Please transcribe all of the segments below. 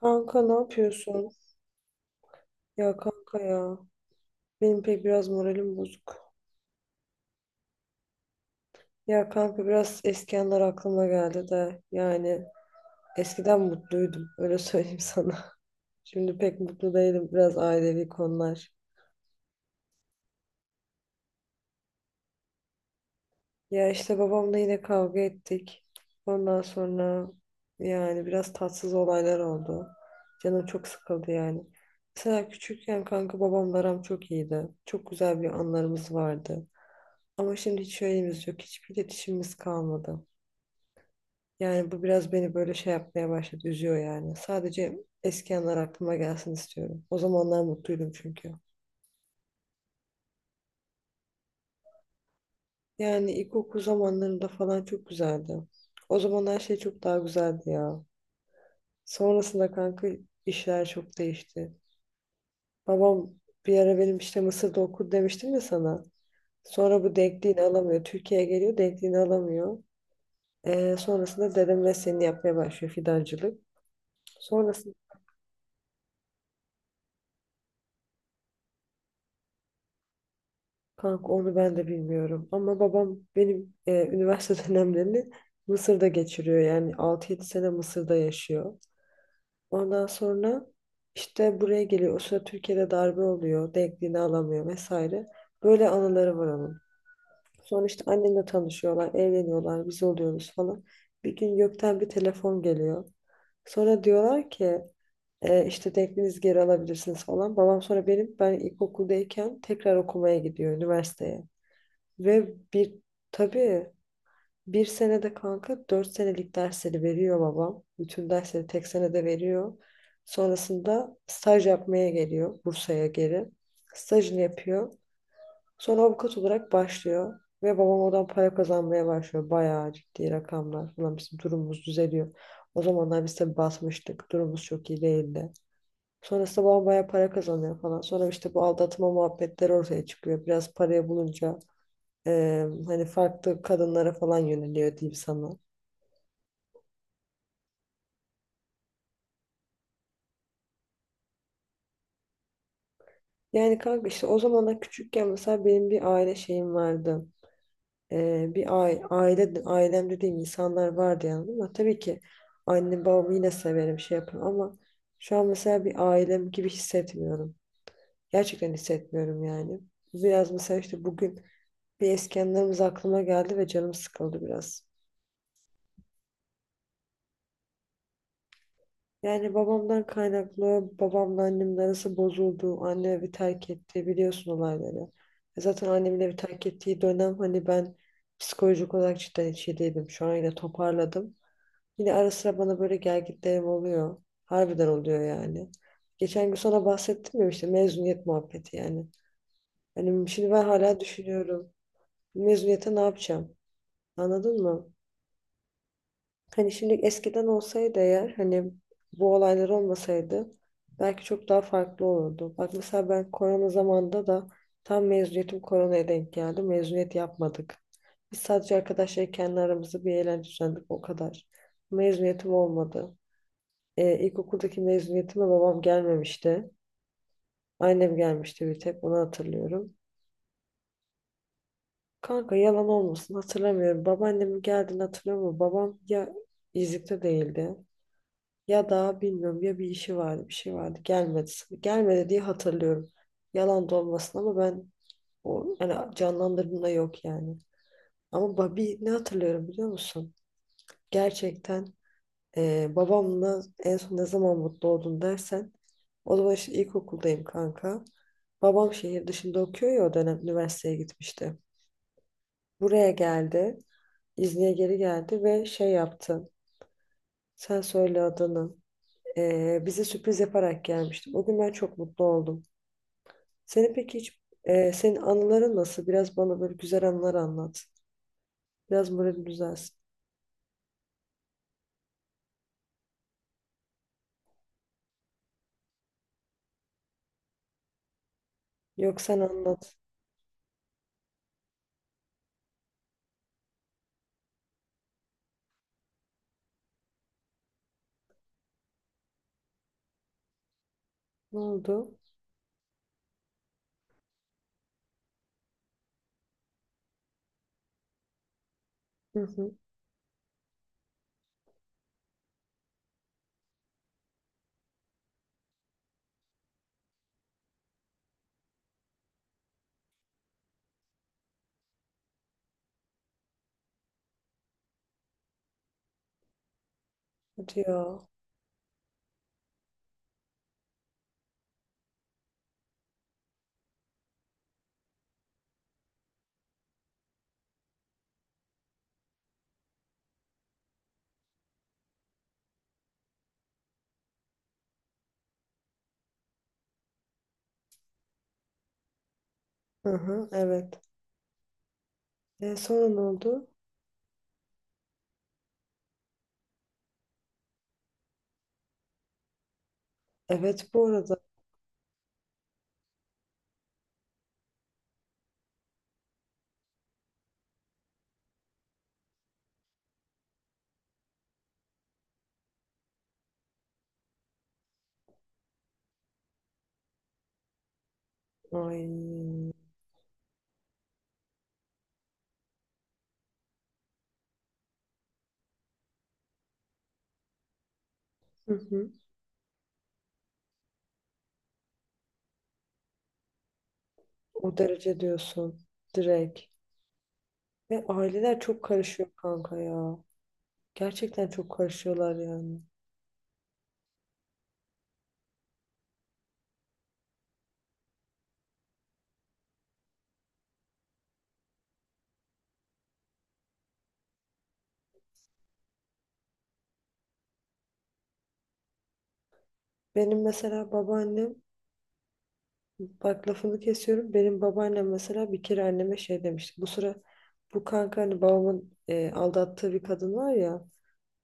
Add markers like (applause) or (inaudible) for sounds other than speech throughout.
Kanka ne yapıyorsun? Ya kanka ya. Benim pek biraz moralim bozuk. Ya kanka biraz eski anlar aklıma geldi de yani eskiden mutluydum öyle söyleyeyim sana. (laughs) Şimdi pek mutlu değilim, biraz ailevi konular. Ya işte babamla yine kavga ettik. Ondan sonra yani biraz tatsız olaylar oldu. Canım çok sıkıldı yani. Mesela küçükken kanka babamla aram çok iyiydi. Çok güzel bir anlarımız vardı. Ama şimdi hiç şeyimiz yok. Hiçbir iletişimimiz kalmadı. Yani bu biraz beni böyle şey yapmaya başladı. Üzüyor yani. Sadece eski anlar aklıma gelsin istiyorum. O zamanlar mutluydum çünkü. Yani ilkokul zamanlarında falan çok güzeldi. O zaman her şey çok daha güzeldi ya. Sonrasında kanka işler çok değişti. Babam bir ara benim işte Mısır'da okur demiştim ya sana. Sonra bu denkliğini alamıyor. Türkiye'ye geliyor, denkliğini alamıyor. Sonrasında dedem mesleğini yapmaya başlıyor, fidancılık. Sonrasında kanka onu ben de bilmiyorum. Ama babam benim üniversite (laughs) dönemlerini Mısır'da geçiriyor. Yani 6-7 sene Mısır'da yaşıyor. Ondan sonra işte buraya geliyor. O sırada Türkiye'de darbe oluyor. Denkliğini alamıyor vesaire. Böyle anıları var onun. Sonra işte annemle tanışıyorlar, evleniyorlar, biz oluyoruz falan. Bir gün gökten bir telefon geliyor. Sonra diyorlar ki işte denkliğinizi geri alabilirsiniz falan. Babam sonra benim ilkokuldayken tekrar okumaya gidiyor üniversiteye. Ve bir tabii bir senede kanka 4 senelik dersleri veriyor babam. Bütün dersleri tek senede veriyor. Sonrasında staj yapmaya geliyor Bursa'ya geri. Stajını yapıyor. Sonra avukat olarak başlıyor. Ve babam oradan para kazanmaya başlıyor. Bayağı ciddi rakamlar falan, bizim durumumuz düzeliyor. O zamanlar biz tabii basmıştık. Durumumuz çok iyi değildi. Sonrasında babam bayağı para kazanıyor falan. Sonra işte bu aldatma muhabbetleri ortaya çıkıyor. Biraz paraya bulunca hani farklı kadınlara falan yöneliyor, diyeyim sana. Yani kanka işte o zamanlar küçükken mesela benim bir aile şeyim vardı. Bir ailem dediğim insanlar vardı yani, ama tabii ki anne babamı yine severim, şey yaparım, ama şu an mesela bir ailem gibi hissetmiyorum. Gerçekten hissetmiyorum yani. Biraz mesela işte bugün bir eski anılarımız aklıma geldi ve canım sıkıldı biraz. Yani babamdan kaynaklı, babamla annemin arası bozuldu. Anne evi terk etti, biliyorsun olayları. Zaten annemin evi terk ettiği dönem hani ben psikolojik olarak cidden hiç iyi değildim. Şu an yine toparladım. Yine ara sıra bana böyle gelgitlerim oluyor. Harbiden oluyor yani. Geçen gün sana bahsettim ya işte mezuniyet muhabbeti yani. Hani şimdi ben hala düşünüyorum. Mezuniyete ne yapacağım? Anladın mı? Hani şimdi eskiden olsaydı, eğer hani bu olaylar olmasaydı belki çok daha farklı olurdu. Bak mesela ben korona zamanında da tam mezuniyetim koronaya denk geldi. Mezuniyet yapmadık. Biz sadece arkadaşlar kendi aramızda bir eğlence düzenledik, o kadar. Mezuniyetim olmadı. İlkokuldaki mezuniyetime babam gelmemişti. Annem gelmişti, bir tek onu hatırlıyorum. Kanka yalan olmasın, hatırlamıyorum. Babaannemin geldiğini hatırlamıyorum. Babam ya İzlik'te değildi. Ya da bilmiyorum ya, bir işi vardı, bir şey vardı, gelmedi. Gelmedi diye hatırlıyorum. Yalan da olmasın ama ben o yani canlandırdığımda yok yani. Ama bir ne hatırlıyorum biliyor musun? Gerçekten babamla en son ne zaman mutlu oldun dersen, o zaman işte ilkokuldayım kanka. Babam şehir dışında okuyor ya, o dönem üniversiteye gitmişti. Buraya geldi. İzniye geri geldi ve şey yaptı. Sen söyle adını. Bize sürpriz yaparak gelmiştim. O gün ben çok mutlu oldum. Senin peki hiç, senin anıların nasıl? Biraz bana böyle güzel anılar anlat. Biraz moralim düzelsin. Yok sen anlat. Ne oldu? Hı hı. Hadi ya. Hı hı. Evet. Sonra ne oldu? Evet bu arada. Ay. Hı hı. O derece diyorsun. Direkt. Ve aileler çok karışıyor kanka ya. Gerçekten çok karışıyorlar yani. Benim mesela babaannem. Bak, lafını kesiyorum. Benim babaannem mesela bir kere anneme şey demişti. Bu sıra bu kanka hani babamın aldattığı bir kadın var ya.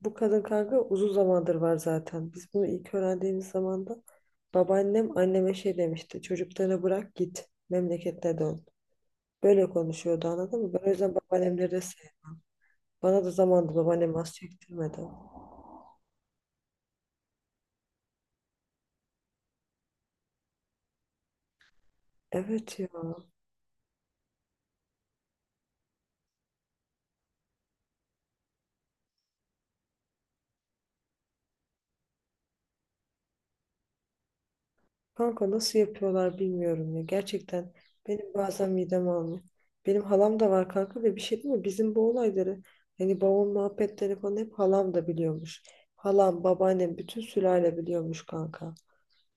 Bu kadın kanka uzun zamandır var zaten. Biz bunu ilk öğrendiğimiz zaman da babaannem anneme şey demişti. Çocuklarını bırak git. Memleketine dön. Böyle konuşuyordu, anladın mı? Ben o yüzden babaannemleri de sevdim. Bana da zamanında babaannem az çektirmedi. Evet ya. Kanka nasıl yapıyorlar bilmiyorum ya. Gerçekten benim bazen midem almıyor. Benim halam da var kanka, ve bir şey değil mi? Bizim bu olayları, hani babam muhabbetleri falan hep halam da biliyormuş. Halam, babaannem, bütün sülale biliyormuş kanka.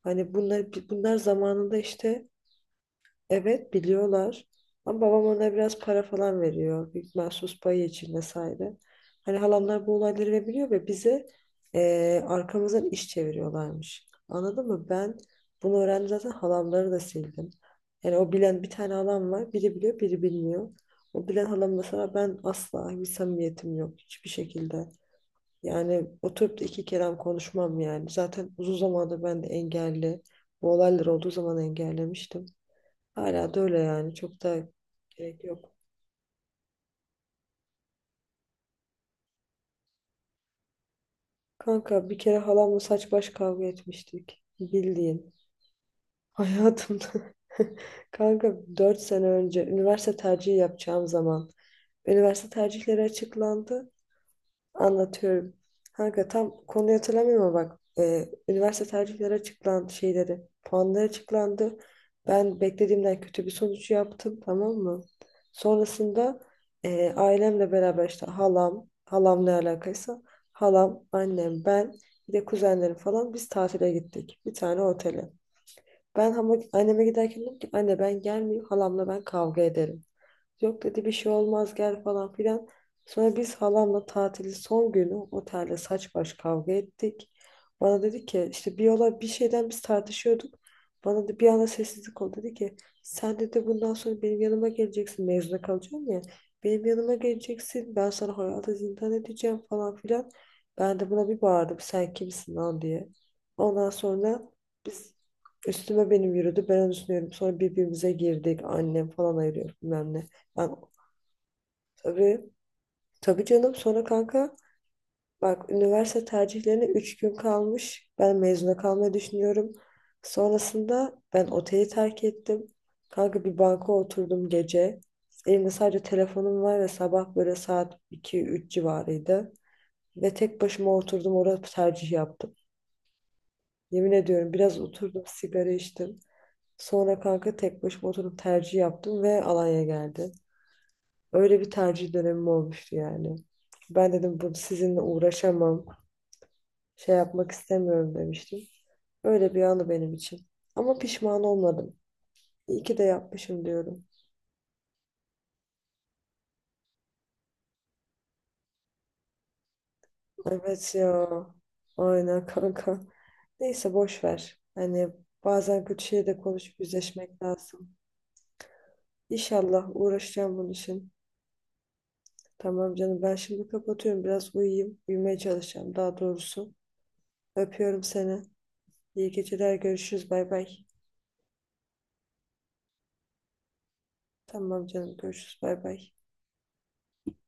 Hani bunlar zamanında işte. Evet, biliyorlar. Ama babam ona biraz para falan veriyor. Büyük mahsus payı için vesaire. Hani halamlar bu olayları ve biliyor ve bize arkamızdan iş çeviriyorlarmış. Anladın mı? Ben bunu öğrendim, zaten halamları da sildim. Yani o bilen bir tane halam var. Biri biliyor, biri bilmiyor. O bilen halam mesela ben asla bir samimiyetim yok hiçbir şekilde. Yani oturup da iki kelam konuşmam yani. Zaten uzun zamandır ben de engelli. Bu olaylar olduğu zaman engellemiştim. Hala da öyle yani. Çok da gerek yok. Kanka bir kere halamla saç baş kavga etmiştik. Bildiğin. Hayatımda. (laughs) Kanka 4 sene önce, üniversite tercihi yapacağım zaman. Üniversite tercihleri açıklandı. Anlatıyorum. Kanka tam konuyu hatırlamıyorum ama bak, üniversite tercihleri açıklandı şeyleri. Puanlar açıklandı. Ben beklediğimden kötü bir sonuç yaptım, tamam mı? Sonrasında ailemle beraber işte halam, ne alakaysa, halam, annem, ben, bir de kuzenlerim falan biz tatile gittik. Bir tane otele. Ben ama anneme giderken dedim ki anne ben gelmeyeyim, halamla ben kavga ederim. Yok dedi, bir şey olmaz gel falan filan. Sonra biz halamla tatili son günü otelde saç baş kavga ettik. Bana dedi ki işte bir olay bir şeyden biz tartışıyorduk. Bana da bir anda sessizlik oldu. Dedi ki sen dedi bundan sonra benim yanıma geleceksin, mezuna kalacağım ya. Benim yanıma geleceksin, ben sana hayata zindan edeceğim falan filan. Ben de buna bir bağırdım, sen kimsin lan diye. Ondan sonra biz üstüme benim yürüdü. Ben onun üstüne yürüdüm. Sonra birbirimize girdik. Annem falan ayırıyor bilmem ne. Ama tabii, tabii canım, sonra kanka bak üniversite tercihlerine 3 gün kalmış. Ben mezuna kalmayı düşünüyorum. Sonrasında ben oteli terk ettim. Kanka bir banka oturdum gece. Elimde sadece telefonum var ve sabah böyle saat 2-3 civarıydı. Ve tek başıma oturdum orada tercih yaptım. Yemin ediyorum biraz oturdum, sigara içtim. Sonra kanka tek başıma oturup tercih yaptım ve Alanya geldi. Öyle bir tercih dönemim olmuştu yani. Ben dedim bu sizinle uğraşamam, şey yapmak istemiyorum demiştim. Öyle bir anı benim için. Ama pişman olmadım. İyi ki de yapmışım diyorum. Evet ya. Aynen kanka. Neyse boş ver. Hani bazen kötü şeyi de konuşup yüzleşmek lazım. İnşallah uğraşacağım bunun için. Tamam canım ben şimdi kapatıyorum. Biraz uyuyayım. Uyumaya çalışacağım daha doğrusu. Öpüyorum seni. İyi geceler. Görüşürüz. Bay bay. Tamam canım, görüşürüz, bay bay.